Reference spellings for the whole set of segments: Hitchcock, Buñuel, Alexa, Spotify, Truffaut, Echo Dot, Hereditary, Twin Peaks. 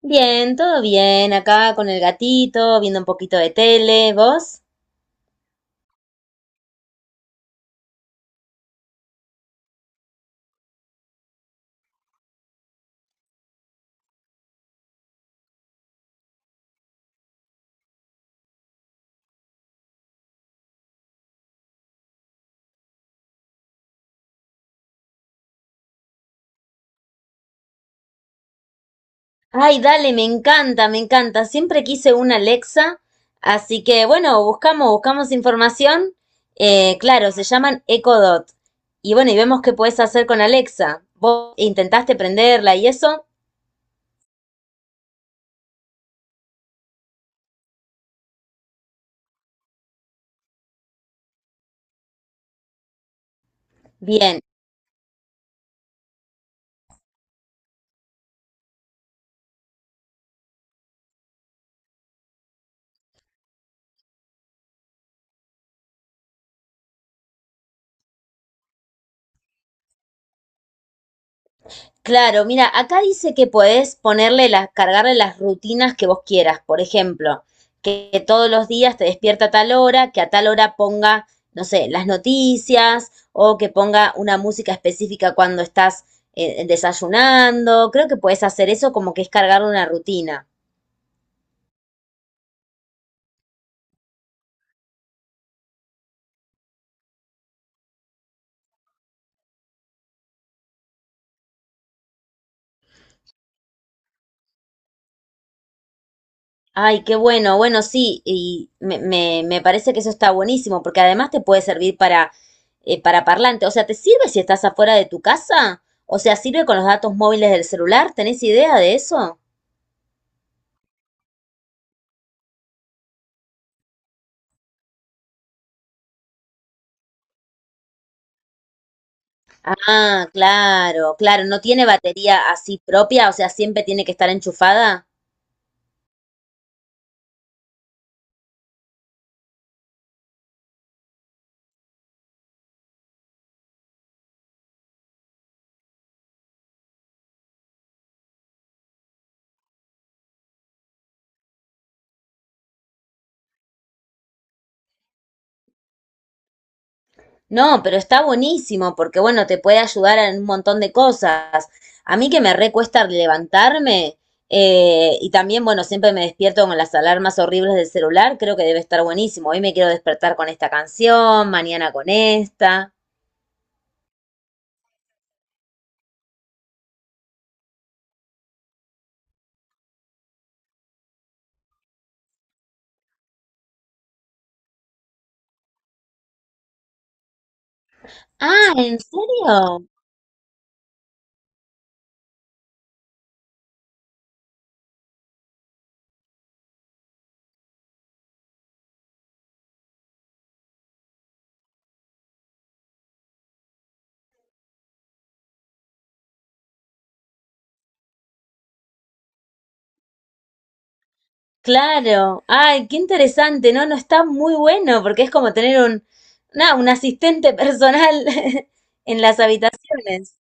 Bien, todo bien, acá con el gatito, viendo un poquito de tele, ¿vos? Ay, dale, me encanta, me encanta. Siempre quise una Alexa, así que bueno, buscamos información. Claro, se llaman Echo Dot. Y bueno, y vemos qué puedes hacer con Alexa. ¿Vos intentaste prenderla y eso? Bien. Claro, mira, acá dice que podés ponerle las, cargarle las rutinas que vos quieras. Por ejemplo, que todos los días te despierta a tal hora, que a tal hora ponga, no sé, las noticias o que ponga una música específica cuando estás desayunando. Creo que podés hacer eso como que es cargar una rutina. Ay, qué bueno, bueno, sí, y me, me parece que eso está buenísimo, porque además te puede servir para parlante. O sea, ¿te sirve si estás afuera de tu casa? O sea, ¿sirve con los datos móviles del celular? ¿Tenés idea de eso? Ah, claro, claro, no tiene batería así propia, o sea, siempre tiene que estar enchufada. No, pero está buenísimo porque, bueno, te puede ayudar en un montón de cosas. A mí que me recuesta levantarme y también, bueno, siempre me despierto con las alarmas horribles del celular, creo que debe estar buenísimo. Hoy me quiero despertar con esta canción, mañana con esta. Ah, ¿en serio? Claro. Ay, qué interesante. No, no está muy bueno porque es como tener un, nada, un asistente personal en las habitaciones.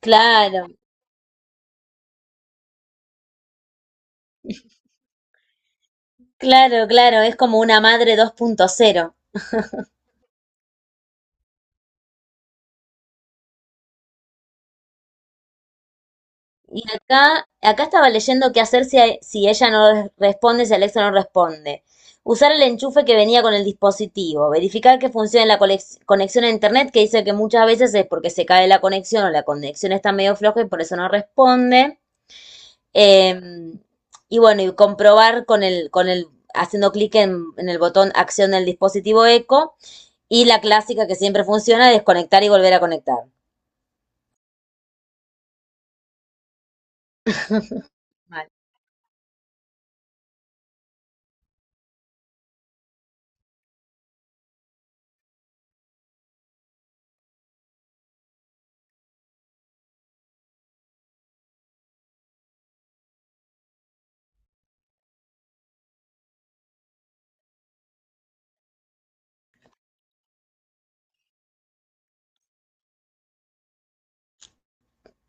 Claro. Claro, claro, es como una madre dos punto cero. Y acá, acá estaba leyendo qué hacer si, si ella no responde, si Alexa no responde. Usar el enchufe que venía con el dispositivo. Verificar que funcione la conexión a internet, que dice que muchas veces es porque se cae la conexión o la conexión está medio floja y por eso no responde. Em, y bueno, y comprobar con el, haciendo clic en el botón acción del dispositivo Echo. Y la clásica que siempre funciona, desconectar y volver a conectar.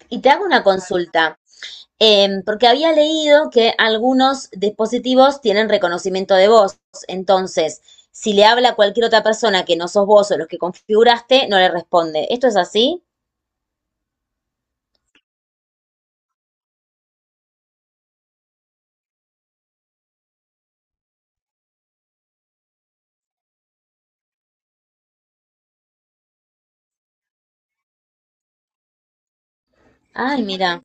Y te hago una consulta, porque había leído que algunos dispositivos tienen reconocimiento de voz. Entonces, si le habla a cualquier otra persona que no sos vos o los que configuraste, no le responde. ¿Esto es así? Ay, mira.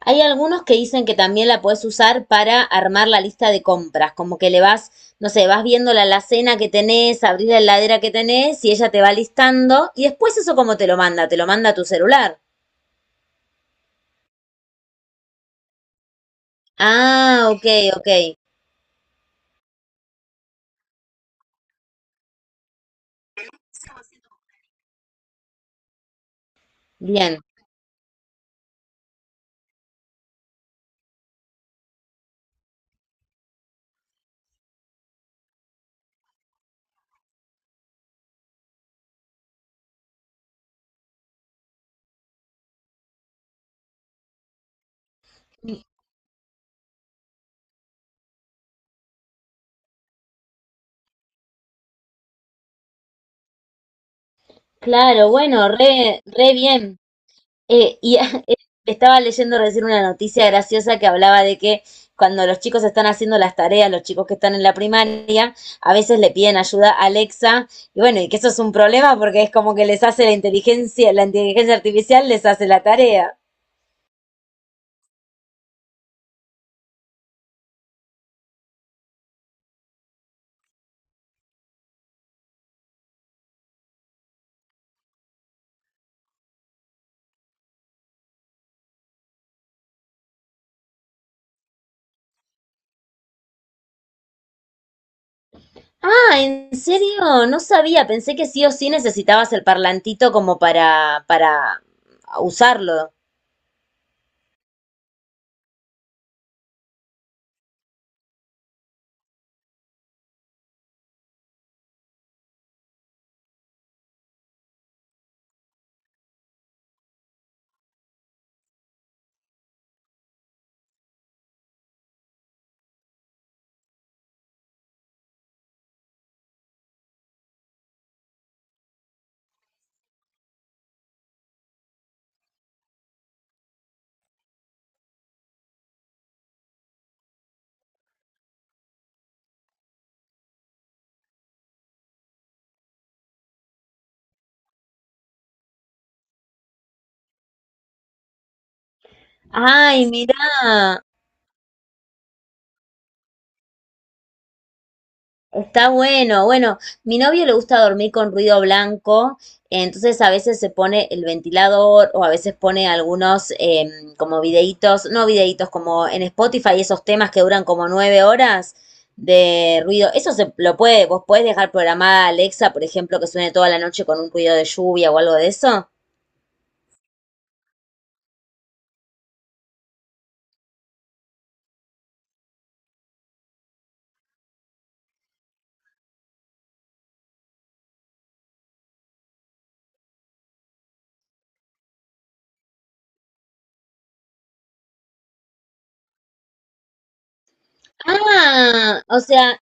Hay algunos que dicen que también la puedes usar para armar la lista de compras, como que le vas, no sé, vas viendo la alacena que tenés, abrir la heladera que tenés y ella te va listando y después eso cómo te lo manda a tu celular. Ah, ok, ok. Bien. Claro, bueno, re, re bien. Y estaba leyendo recién una noticia graciosa que hablaba de que cuando los chicos están haciendo las tareas, los chicos que están en la primaria, a veces le piden ayuda a Alexa, y bueno, y que eso es un problema porque es como que les hace la inteligencia artificial les hace la tarea. Ah, ¿en serio? No sabía, pensé que sí o sí necesitabas el parlantito como para usarlo. Ay, mirá. Está bueno, bueno, mi novio le gusta dormir con ruido blanco, entonces a veces se pone el ventilador o a veces pone algunos como videitos, no videitos, como en Spotify esos temas que duran como 9 horas de ruido. Eso se lo puede, vos podés dejar programada Alexa, por ejemplo, que suene toda la noche con un ruido de lluvia o algo de eso. Ah, o sea,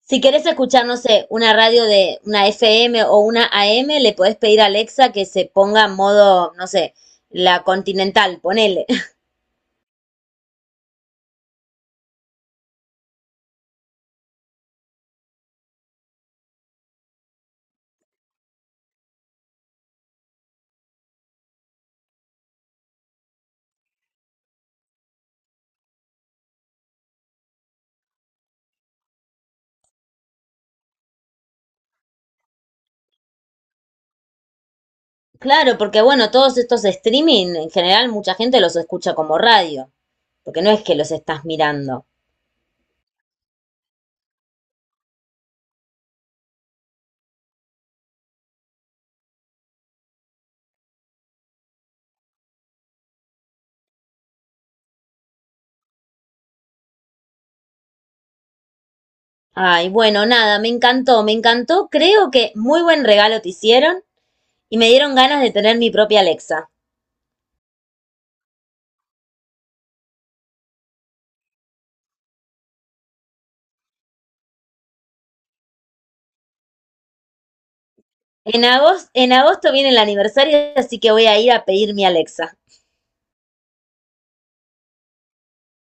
si querés escuchar, no sé, una radio de una FM o una AM, le podés pedir a Alexa que se ponga en modo, no sé, la continental, ponele. Claro, porque bueno, todos estos streaming, en general, mucha gente los escucha como radio, porque no es que los estás mirando. Ay, bueno, nada, me encantó, me encantó. Creo que muy buen regalo te hicieron y me dieron ganas de tener mi propia Alexa. En agosto viene el aniversario, así que voy a ir a pedir mi Alexa.